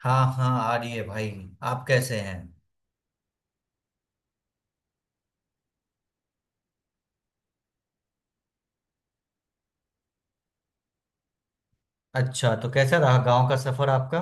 हाँ हाँ, आ रही है भाई। आप कैसे हैं? अच्छा, तो कैसा रहा गांव का सफर आपका?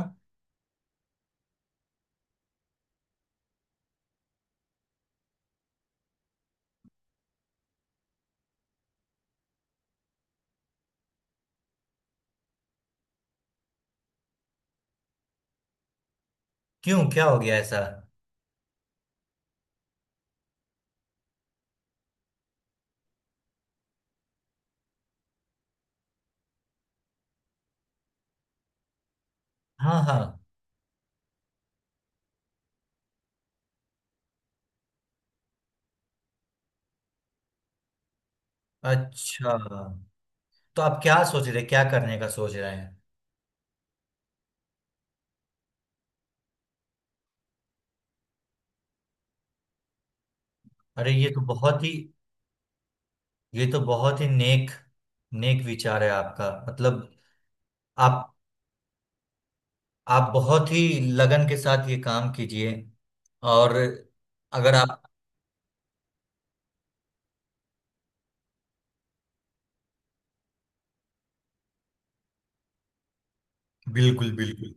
क्यों, क्या हो गया ऐसा? हाँ हाँ। अच्छा, तो आप क्या सोच रहे, क्या करने का सोच रहे हैं? अरे, ये तो बहुत ही नेक नेक विचार है आपका। मतलब आप आप बहुत ही लगन के साथ ये काम कीजिए, और अगर आप। बिल्कुल बिल्कुल।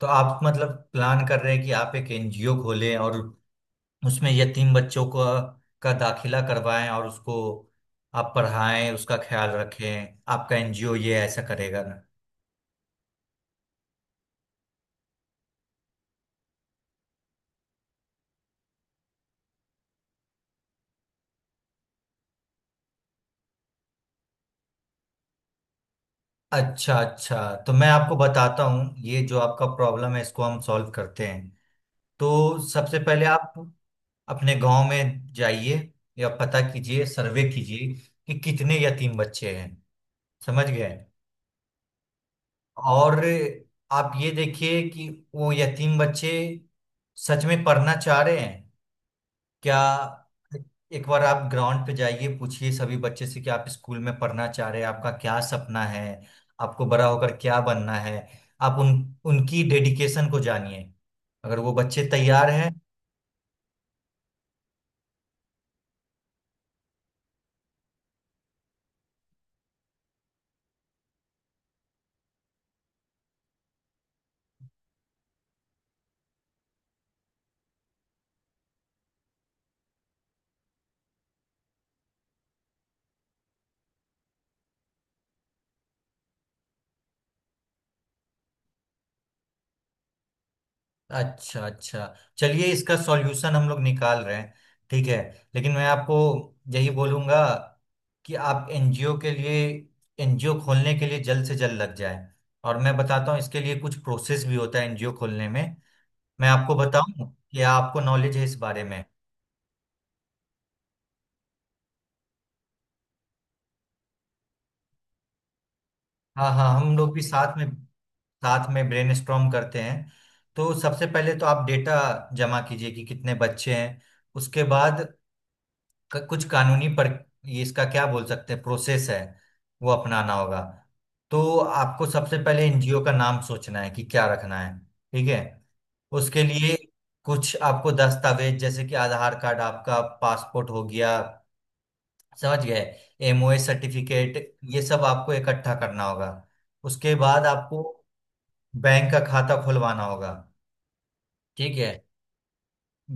तो आप मतलब प्लान कर रहे हैं कि आप एक एनजीओ खोलें और उसमें यतीम बच्चों को का दाखिला करवाएं, और उसको आप पढ़ाएं, उसका ख्याल रखें। आपका एनजीओ ये ऐसा करेगा ना? अच्छा अच्छा, तो मैं आपको बताता हूँ, ये जो आपका प्रॉब्लम है इसको हम सॉल्व करते हैं। तो सबसे पहले आप अपने गांव में जाइए, या पता कीजिए, सर्वे कीजिए कि कितने यतीम बच्चे हैं। समझ गए? और आप ये देखिए कि वो यतीम बच्चे सच में पढ़ना चाह रहे हैं क्या। एक बार आप ग्राउंड पे जाइए, पूछिए सभी बच्चे से कि आप स्कूल में पढ़ना चाह रहे हैं, आपका क्या सपना है, आपको बड़ा होकर क्या बनना है। आप उन उनकी डेडिकेशन को जानिए। अगर वो बच्चे तैयार हैं। अच्छा अच्छा, चलिए इसका सॉल्यूशन हम लोग निकाल रहे हैं। ठीक है, लेकिन मैं आपको यही बोलूंगा कि आप एनजीओ खोलने के लिए जल्द से जल्द लग जाए। और मैं बताता हूँ, इसके लिए कुछ प्रोसेस भी होता है एनजीओ खोलने में। मैं आपको बताऊं कि आपको नॉलेज है इस बारे में? हाँ हाँ, हम लोग भी साथ में, साथ में ब्रेनस्टॉर्म करते हैं। तो सबसे पहले तो आप डेटा जमा कीजिए कि कितने बच्चे हैं। उसके बाद कुछ कानूनी पर, ये इसका क्या बोल सकते हैं, प्रोसेस है वो अपनाना होगा। तो आपको सबसे पहले एनजीओ का नाम सोचना है कि क्या रखना है, ठीक है। उसके लिए कुछ आपको दस्तावेज, जैसे कि आधार कार्ड, आपका पासपोर्ट हो गया, समझ गए, एमओए सर्टिफिकेट, ये सब आपको इकट्ठा करना होगा। उसके बाद आपको बैंक का खाता खुलवाना होगा, ठीक है।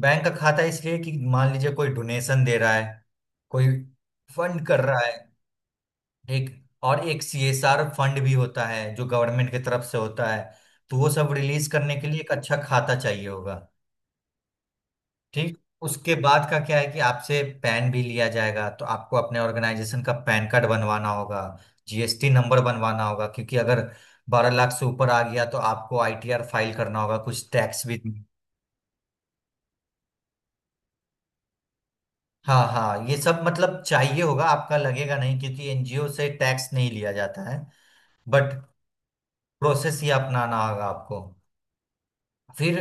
बैंक का खाता इसलिए कि मान लीजिए कोई डोनेशन दे रहा है, कोई फंड कर रहा है, ठीक। और एक सीएसआर फंड भी होता है जो गवर्नमेंट की तरफ से होता है, तो वो सब रिलीज करने के लिए एक अच्छा खाता चाहिए होगा, ठीक। उसके बाद का क्या है कि आपसे पैन भी लिया जाएगा, तो आपको अपने ऑर्गेनाइजेशन का पैन कार्ड बनवाना होगा, जीएसटी नंबर बनवाना होगा, क्योंकि अगर 12 लाख से ऊपर आ गया तो आपको आईटीआर फाइल करना होगा, कुछ टैक्स भी। हाँ हाँ, ये सब मतलब चाहिए होगा आपका। लगेगा नहीं, क्योंकि एनजीओ से टैक्स नहीं लिया जाता है, बट प्रोसेस ही अपनाना होगा आपको। फिर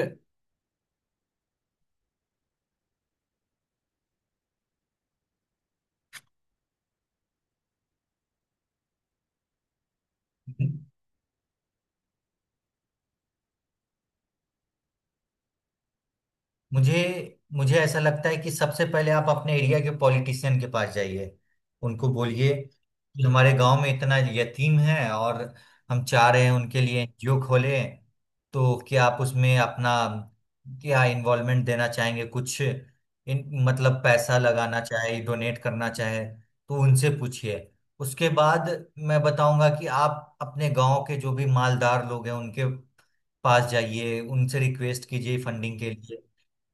मुझे मुझे ऐसा लगता है कि सबसे पहले आप अपने एरिया के पॉलिटिशियन के पास जाइए, उनको बोलिए कि हमारे गांव में इतना यतीम है, और हम चाह रहे हैं उनके लिए एनजीओ खोलें, तो क्या आप उसमें अपना क्या इन्वॉल्वमेंट देना चाहेंगे, कुछ इन मतलब पैसा लगाना चाहे, डोनेट करना चाहे, तो उनसे पूछिए। उसके बाद मैं बताऊंगा कि आप अपने गांव के जो भी मालदार लोग हैं उनके पास जाइए, उनसे रिक्वेस्ट कीजिए फंडिंग के लिए।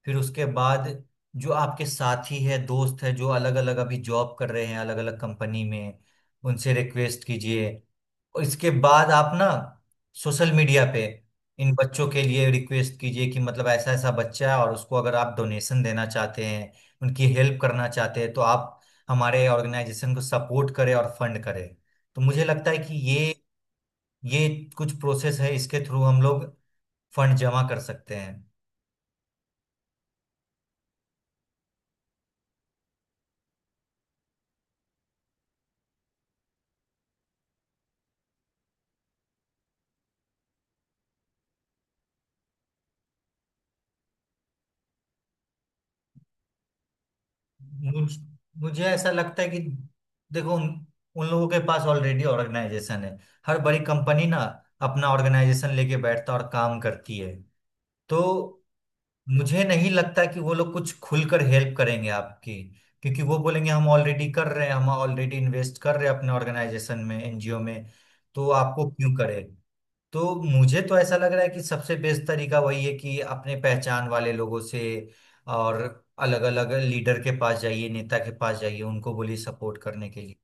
फिर उसके बाद जो आपके साथी है, दोस्त है, जो अलग अलग अभी जॉब कर रहे हैं, अलग अलग कंपनी में, उनसे रिक्वेस्ट कीजिए। और इसके बाद आप ना सोशल मीडिया पे इन बच्चों के लिए रिक्वेस्ट कीजिए कि मतलब ऐसा ऐसा बच्चा है, और उसको अगर आप डोनेशन देना चाहते हैं, उनकी हेल्प करना चाहते हैं तो आप हमारे ऑर्गेनाइजेशन को सपोर्ट करें और फंड करें। तो मुझे लगता है कि ये कुछ प्रोसेस है, इसके थ्रू हम लोग फंड जमा कर सकते हैं। मुझ- मुझे ऐसा लगता है कि देखो उन लोगों के पास ऑलरेडी ऑर्गेनाइजेशन है। हर बड़ी कंपनी ना अपना ऑर्गेनाइजेशन लेके बैठता और काम करती है। तो मुझे नहीं लगता कि वो लोग कुछ खुलकर हेल्प करेंगे आपकी, क्योंकि वो बोलेंगे हम ऑलरेडी कर रहे हैं, हम ऑलरेडी इन्वेस्ट कर रहे हैं अपने ऑर्गेनाइजेशन में, एनजीओ में, तो आपको क्यों करें। तो मुझे तो ऐसा लग रहा है कि सबसे बेस्ट तरीका वही है कि अपने पहचान वाले लोगों से, और अलग अलग लीडर के पास जाइए, नेता के पास जाइए, उनको बोलिए सपोर्ट करने के लिए।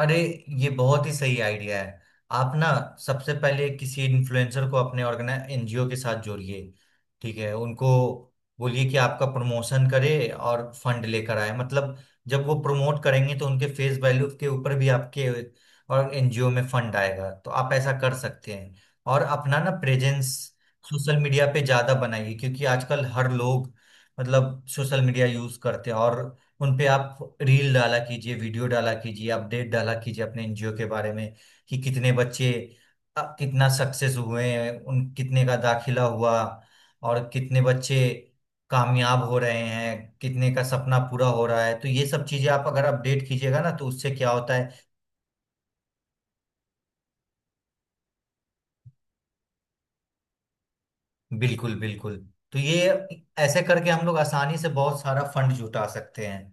अरे, ये बहुत ही सही आइडिया है। आप ना सबसे पहले किसी इन्फ्लुएंसर को अपने ऑर्गेनाइज एनजीओ के साथ जोड़िए, ठीक है। उनको बोलिए कि आपका प्रमोशन करे और फंड लेकर आए। मतलब जब वो प्रमोट करेंगे तो उनके फेस वैल्यू के ऊपर भी आपके और एनजीओ में फंड आएगा, तो आप ऐसा कर सकते हैं। और अपना ना प्रेजेंस सोशल मीडिया पे ज्यादा बनाइए, क्योंकि आजकल हर लोग मतलब सोशल मीडिया यूज करते हैं। और उन पे आप रील डाला कीजिए, वीडियो डाला कीजिए, अपडेट डाला कीजिए अपने एनजीओ के बारे में, कि कितने बच्चे कितना सक्सेस हुए हैं, उन कितने का दाखिला हुआ, और कितने बच्चे कामयाब हो रहे हैं, कितने का सपना पूरा हो रहा है। तो ये सब चीजें आप अगर अपडेट कीजिएगा ना तो उससे क्या होता है। बिल्कुल बिल्कुल। तो ये ऐसे करके हम लोग आसानी से बहुत सारा फंड जुटा सकते हैं।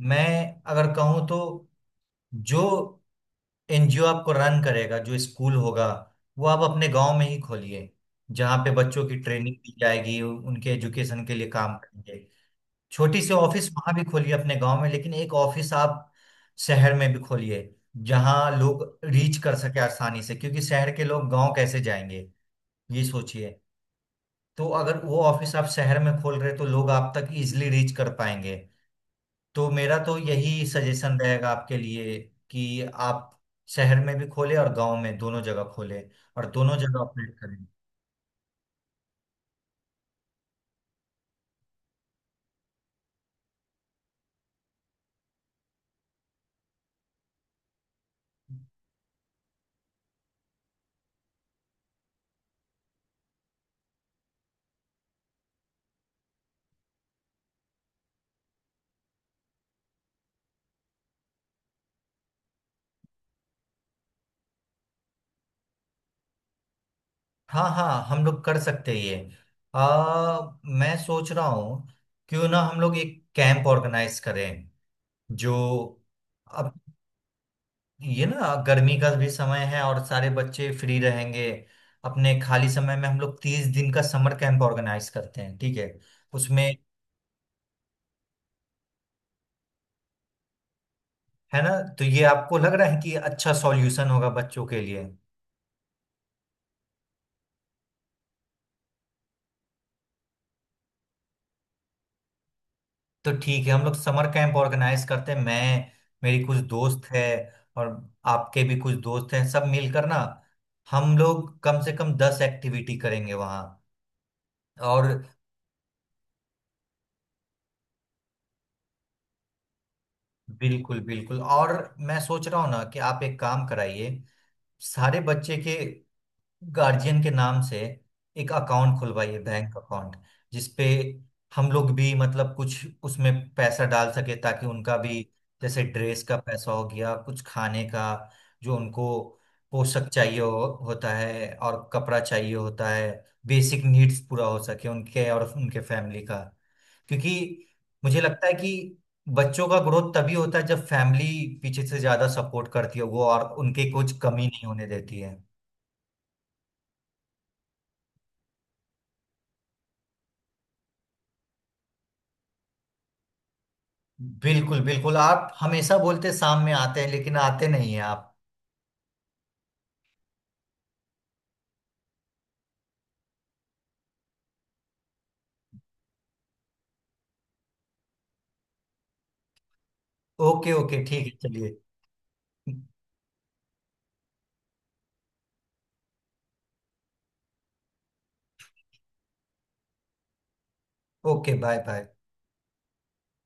मैं अगर कहूँ तो जो एनजीओ आपको रन करेगा, जो स्कूल होगा, वो आप अपने गांव में ही खोलिए, जहाँ पे बच्चों की ट्रेनिंग दी जाएगी, उनके एजुकेशन के लिए काम करेंगे। छोटी सी ऑफिस वहां भी खोलिए अपने गांव में, लेकिन एक ऑफिस आप शहर में भी खोलिए, जहाँ लोग रीच कर सके आसानी से, क्योंकि शहर के लोग गांव कैसे जाएंगे, ये सोचिए। तो अगर वो ऑफिस आप शहर में खोल रहे हैं, तो लोग आप तक इजिली रीच कर पाएंगे। तो मेरा तो यही सजेशन रहेगा आपके लिए कि आप शहर में भी खोले और गांव में, दोनों जगह खोले और दोनों जगह ऑपरेट करें। हाँ हाँ, हम लोग कर सकते हैं ये। आ, मैं सोच रहा हूँ क्यों ना हम लोग एक कैंप ऑर्गेनाइज करें, जो अब ये ना गर्मी का भी समय है और सारे बच्चे फ्री रहेंगे। अपने खाली समय में हम लोग 30 दिन का समर कैंप ऑर्गेनाइज करते हैं, ठीक है। उसमें, है ना। तो ये आपको लग रहा है कि अच्छा सॉल्यूशन होगा बच्चों के लिए? तो ठीक है, हम लोग समर कैंप ऑर्गेनाइज करते हैं। मैं मेरी कुछ दोस्त है, और आपके भी कुछ दोस्त हैं, सब मिलकर ना हम लोग कम से कम 10 एक्टिविटी करेंगे वहाँ। और बिल्कुल बिल्कुल। और मैं सोच रहा हूँ ना कि आप एक काम कराइए, सारे बच्चे के गार्जियन के नाम से एक अकाउंट खुलवाइए, बैंक अकाउंट, जिसपे हम लोग भी मतलब कुछ उसमें पैसा डाल सके, ताकि उनका भी, जैसे ड्रेस का पैसा हो गया, कुछ खाने का, जो उनको पोशाक चाहिए हो, होता है, और कपड़ा चाहिए होता है, बेसिक नीड्स पूरा हो सके उनके और उनके फैमिली का। क्योंकि मुझे लगता है कि बच्चों का ग्रोथ तभी होता है जब फैमिली पीछे से ज्यादा सपोर्ट करती है वो, और उनके कुछ कमी नहीं होने देती है। बिल्कुल बिल्कुल, आप हमेशा बोलते शाम में आते हैं लेकिन आते नहीं हैं आप। ओके ओके, ठीक है, चलिए। Okay, bye bye.